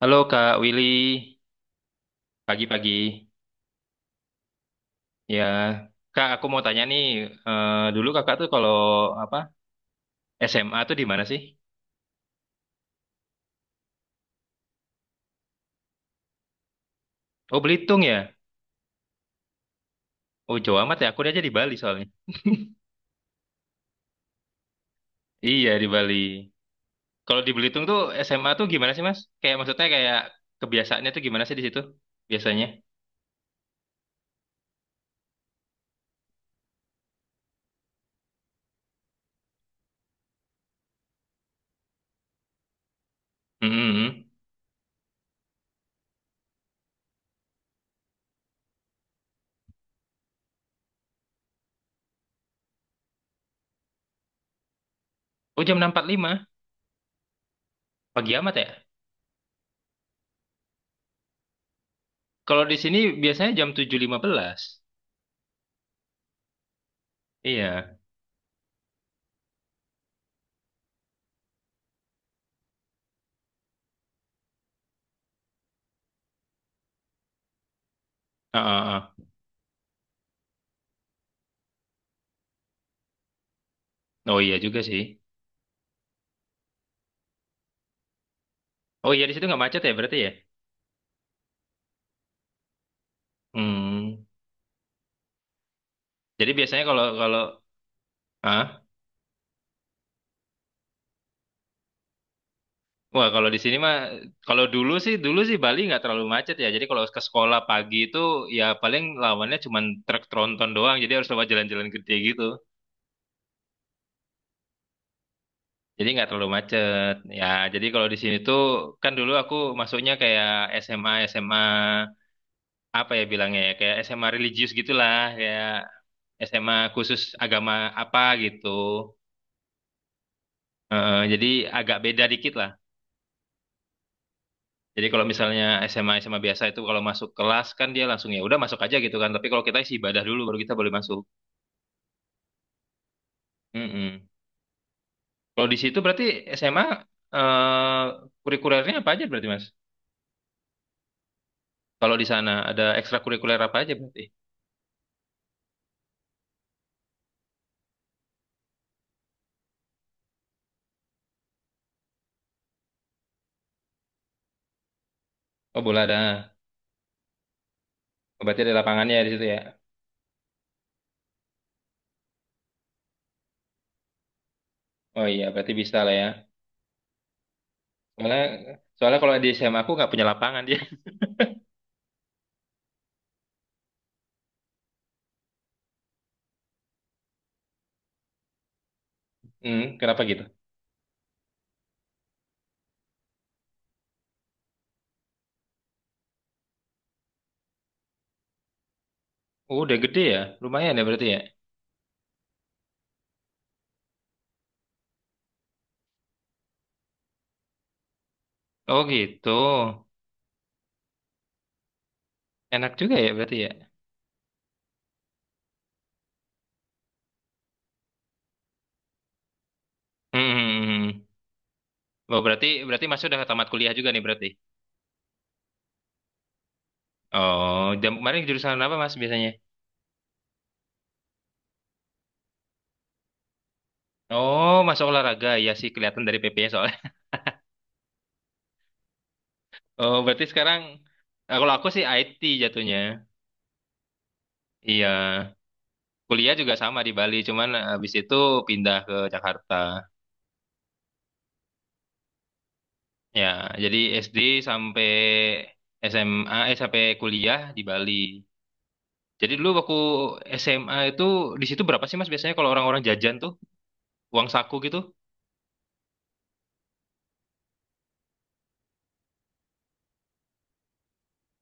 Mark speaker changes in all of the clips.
Speaker 1: Halo Kak Willy, pagi-pagi. Ya, Kak aku mau tanya nih, dulu Kakak tuh kalau apa SMA tuh di mana sih? Oh Belitung ya? Oh Jawa amat ya, aku aja di Bali soalnya. Iya di Bali. Kalau di Belitung tuh SMA tuh gimana sih Mas? Kayak maksudnya kayak kebiasaannya tuh gimana sih di situ biasanya? Mm-mm. Oh jam 06.45 pagi amat ya? Kalau di sini biasanya jam 07.15. Iya. Ah, ah, ah. Oh iya juga sih. Oh iya di situ nggak macet ya berarti ya? Hmm. Jadi biasanya kalau kalau ah, wah, kalau di sini mah kalau dulu sih Bali nggak terlalu macet ya. Jadi kalau ke sekolah pagi itu ya paling lawannya cuma truk tronton doang. Jadi harus lewat jalan-jalan gede gitu. Jadi nggak terlalu macet. Ya jadi kalau di sini tuh kan dulu aku masuknya kayak SMA SMA apa ya bilangnya ya, kayak SMA religius gitulah kayak SMA khusus agama apa gitu. Jadi agak beda dikit lah. Jadi kalau misalnya SMA SMA biasa itu kalau masuk kelas kan dia langsung ya udah masuk aja gitu kan. Tapi kalau kita isi ibadah dulu baru kita boleh masuk. Mm-mm. Kalau di situ berarti SMA eh, kurikulernya apa aja berarti Mas? Kalau di sana ada ekstrakurikuler apa aja berarti? Oh bola ada. Oh, berarti ada lapangannya di situ ya. Oh iya berarti bisa lah ya. Soalnya soalnya kalau di SMA aku nggak punya lapangan dia. Hmm, kenapa gitu? Oh, udah gede ya. Lumayan ya berarti ya. Oh gitu. Enak juga ya berarti ya. Hmm, hmm, hmm, hmm. Oh, berarti berarti Mas udah tamat kuliah juga nih berarti. Oh, jam kemarin jurusan apa Mas biasanya? Oh, masuk olahraga ya sih kelihatan dari PP-nya soalnya. Oh, berarti sekarang kalau aku sih IT jatuhnya. Iya, kuliah juga sama di Bali, cuman habis itu pindah ke Jakarta. Ya, jadi SD sampai SMA, eh sampai kuliah di Bali. Jadi dulu waktu SMA itu di situ berapa sih Mas biasanya kalau orang-orang jajan tuh uang saku gitu?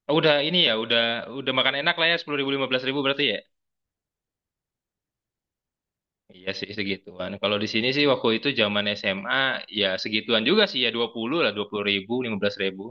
Speaker 1: Oh, udah ini ya, udah makan enak lah ya 10 ribu 15 ribu berarti ya. Iya sih segituan. Kalau di sini sih waktu itu zaman SMA ya segituan juga sih ya 20 lah 20 ribu 15 ribu.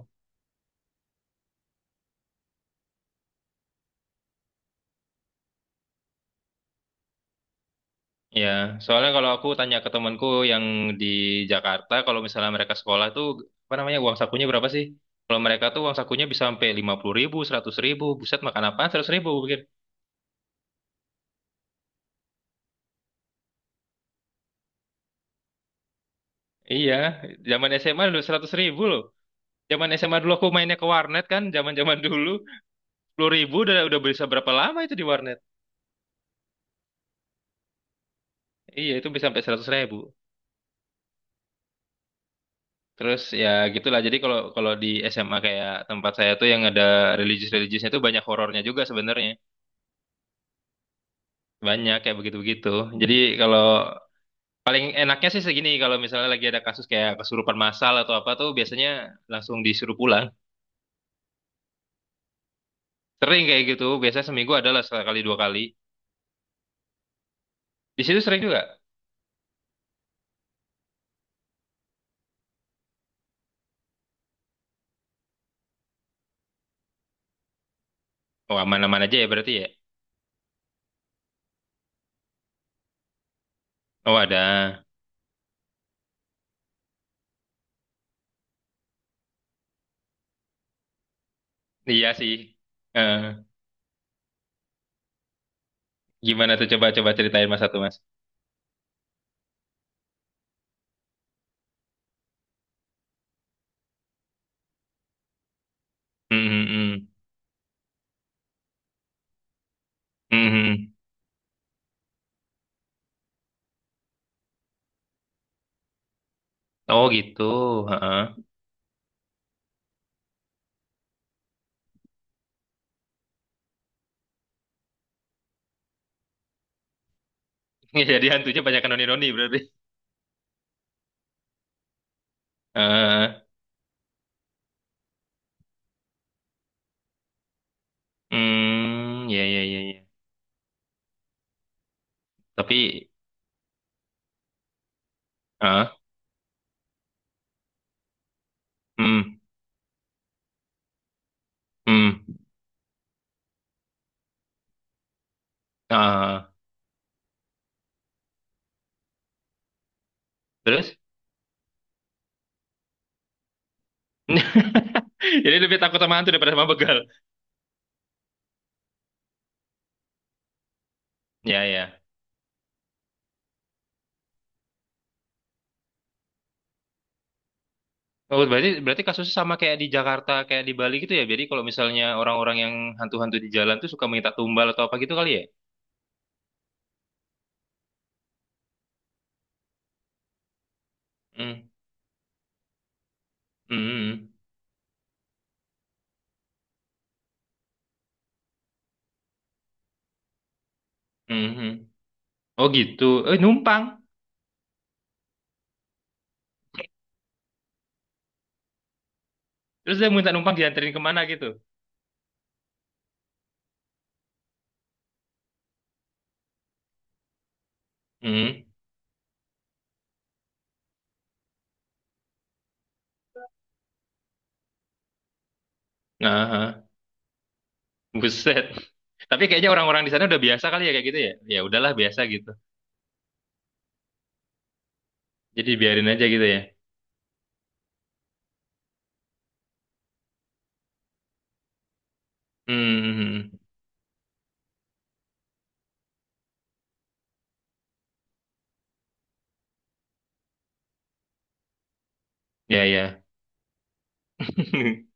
Speaker 1: Ya, soalnya kalau aku tanya ke temanku yang di Jakarta, kalau misalnya mereka sekolah tuh apa namanya uang sakunya berapa sih? Kalau mereka tuh uang sakunya bisa sampai 50 ribu, 100 ribu. Buset makan apa? 100 ribu pikir. Iya, zaman SMA dulu 100 ribu loh. Zaman SMA dulu aku mainnya ke warnet kan, zaman-zaman dulu. 10 ribu udah bisa berapa lama itu di warnet? Iya itu bisa sampai 100 ribu. Terus ya gitulah. Jadi kalau kalau di SMA kayak tempat saya tuh yang ada religius-religiusnya tuh banyak horornya juga sebenarnya. Banyak kayak begitu-begitu. Jadi kalau paling enaknya sih segini kalau misalnya lagi ada kasus kayak kesurupan massal atau apa tuh biasanya langsung disuruh pulang. Sering kayak gitu. Biasanya seminggu adalah sekali dua kali. Di situ sering juga. Oh aman-aman aja ya berarti ya. Oh ada. Iya sih. Eh, gimana tuh coba-coba ceritain mas satu mas. Hmm, hmm, hmm. Hmm, hmm, hmm. Oh gitu. Heeh. Jadi hantunya banyak noni-noni berarti. Heeh. Hmm, ya ya ya ya. Tapi heeh. Hmm. Hmm. Ah, terus? Jadi lebih takut sama hantu daripada sama begal. Ya ya. Oh, berarti berarti kasusnya sama kayak di Jakarta, kayak di Bali gitu ya. Jadi kalau misalnya orang-orang yang hantu-hantu di jalan tuh suka minta tumbal atau apa gitu kali ya? Hmm. Hmm. Hmm. Hmm. Hmm. Oh gitu. Eh, numpang. Terus dia minta numpang dianterin kemana gitu? Hmm. Nah. Buset. Tapi kayaknya orang-orang di sana udah biasa kali ya kayak gitu ya. Ya udahlah biasa gitu. Jadi biarin aja gitu ya. Hmm, ya ya.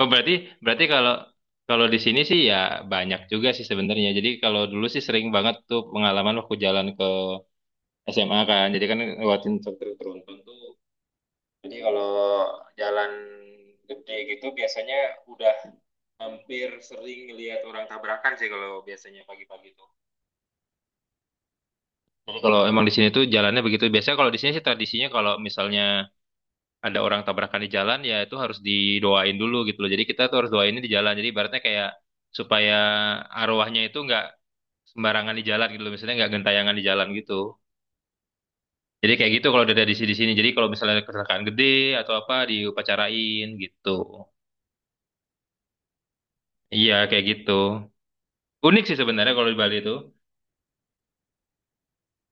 Speaker 1: Oh berarti berarti kalau kalau di sini sih ya banyak juga sih sebenarnya. Jadi kalau dulu sih sering banget tuh pengalaman waktu jalan ke SMA kan. Jadi kan lewatin struktur beruntun tuh. Jadi kalau jalan gede gitu biasanya udah hampir sering lihat orang tabrakan sih kalau biasanya pagi-pagi. Jadi kalau emang di sini tuh jalannya begitu. Biasanya kalau di sini sih tradisinya kalau misalnya ada orang tabrakan di jalan ya itu harus didoain dulu gitu loh. Jadi kita tuh harus doainnya di jalan. Jadi ibaratnya kayak supaya arwahnya itu nggak sembarangan di jalan gitu loh. Misalnya nggak gentayangan di jalan gitu. Jadi kayak gitu kalau dari sini di sini. Jadi kalau misalnya ada kecelakaan gede atau apa diupacarain gitu. Iya kayak gitu. Unik sih sebenarnya kalau di Bali itu.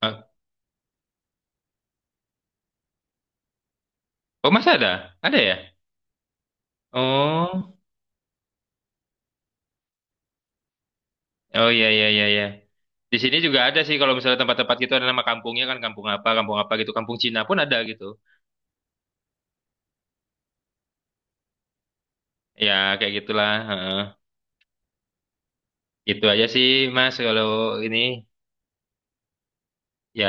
Speaker 1: Ah, oh masih ada? Ada ya? Oh. Oh iya iya iya iya. Di sini juga ada sih kalau misalnya tempat-tempat gitu ada nama kampungnya kan kampung apa gitu. Kampung Cina pun ada gitu. Ya kayak gitulah. Heeh. Gitu aja sih Mas kalau ini ya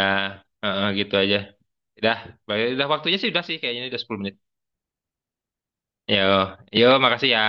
Speaker 1: heeh, gitu aja. Udah, udah waktunya sih udah sih kayaknya ini udah 10 menit. Yo, yo makasih ya.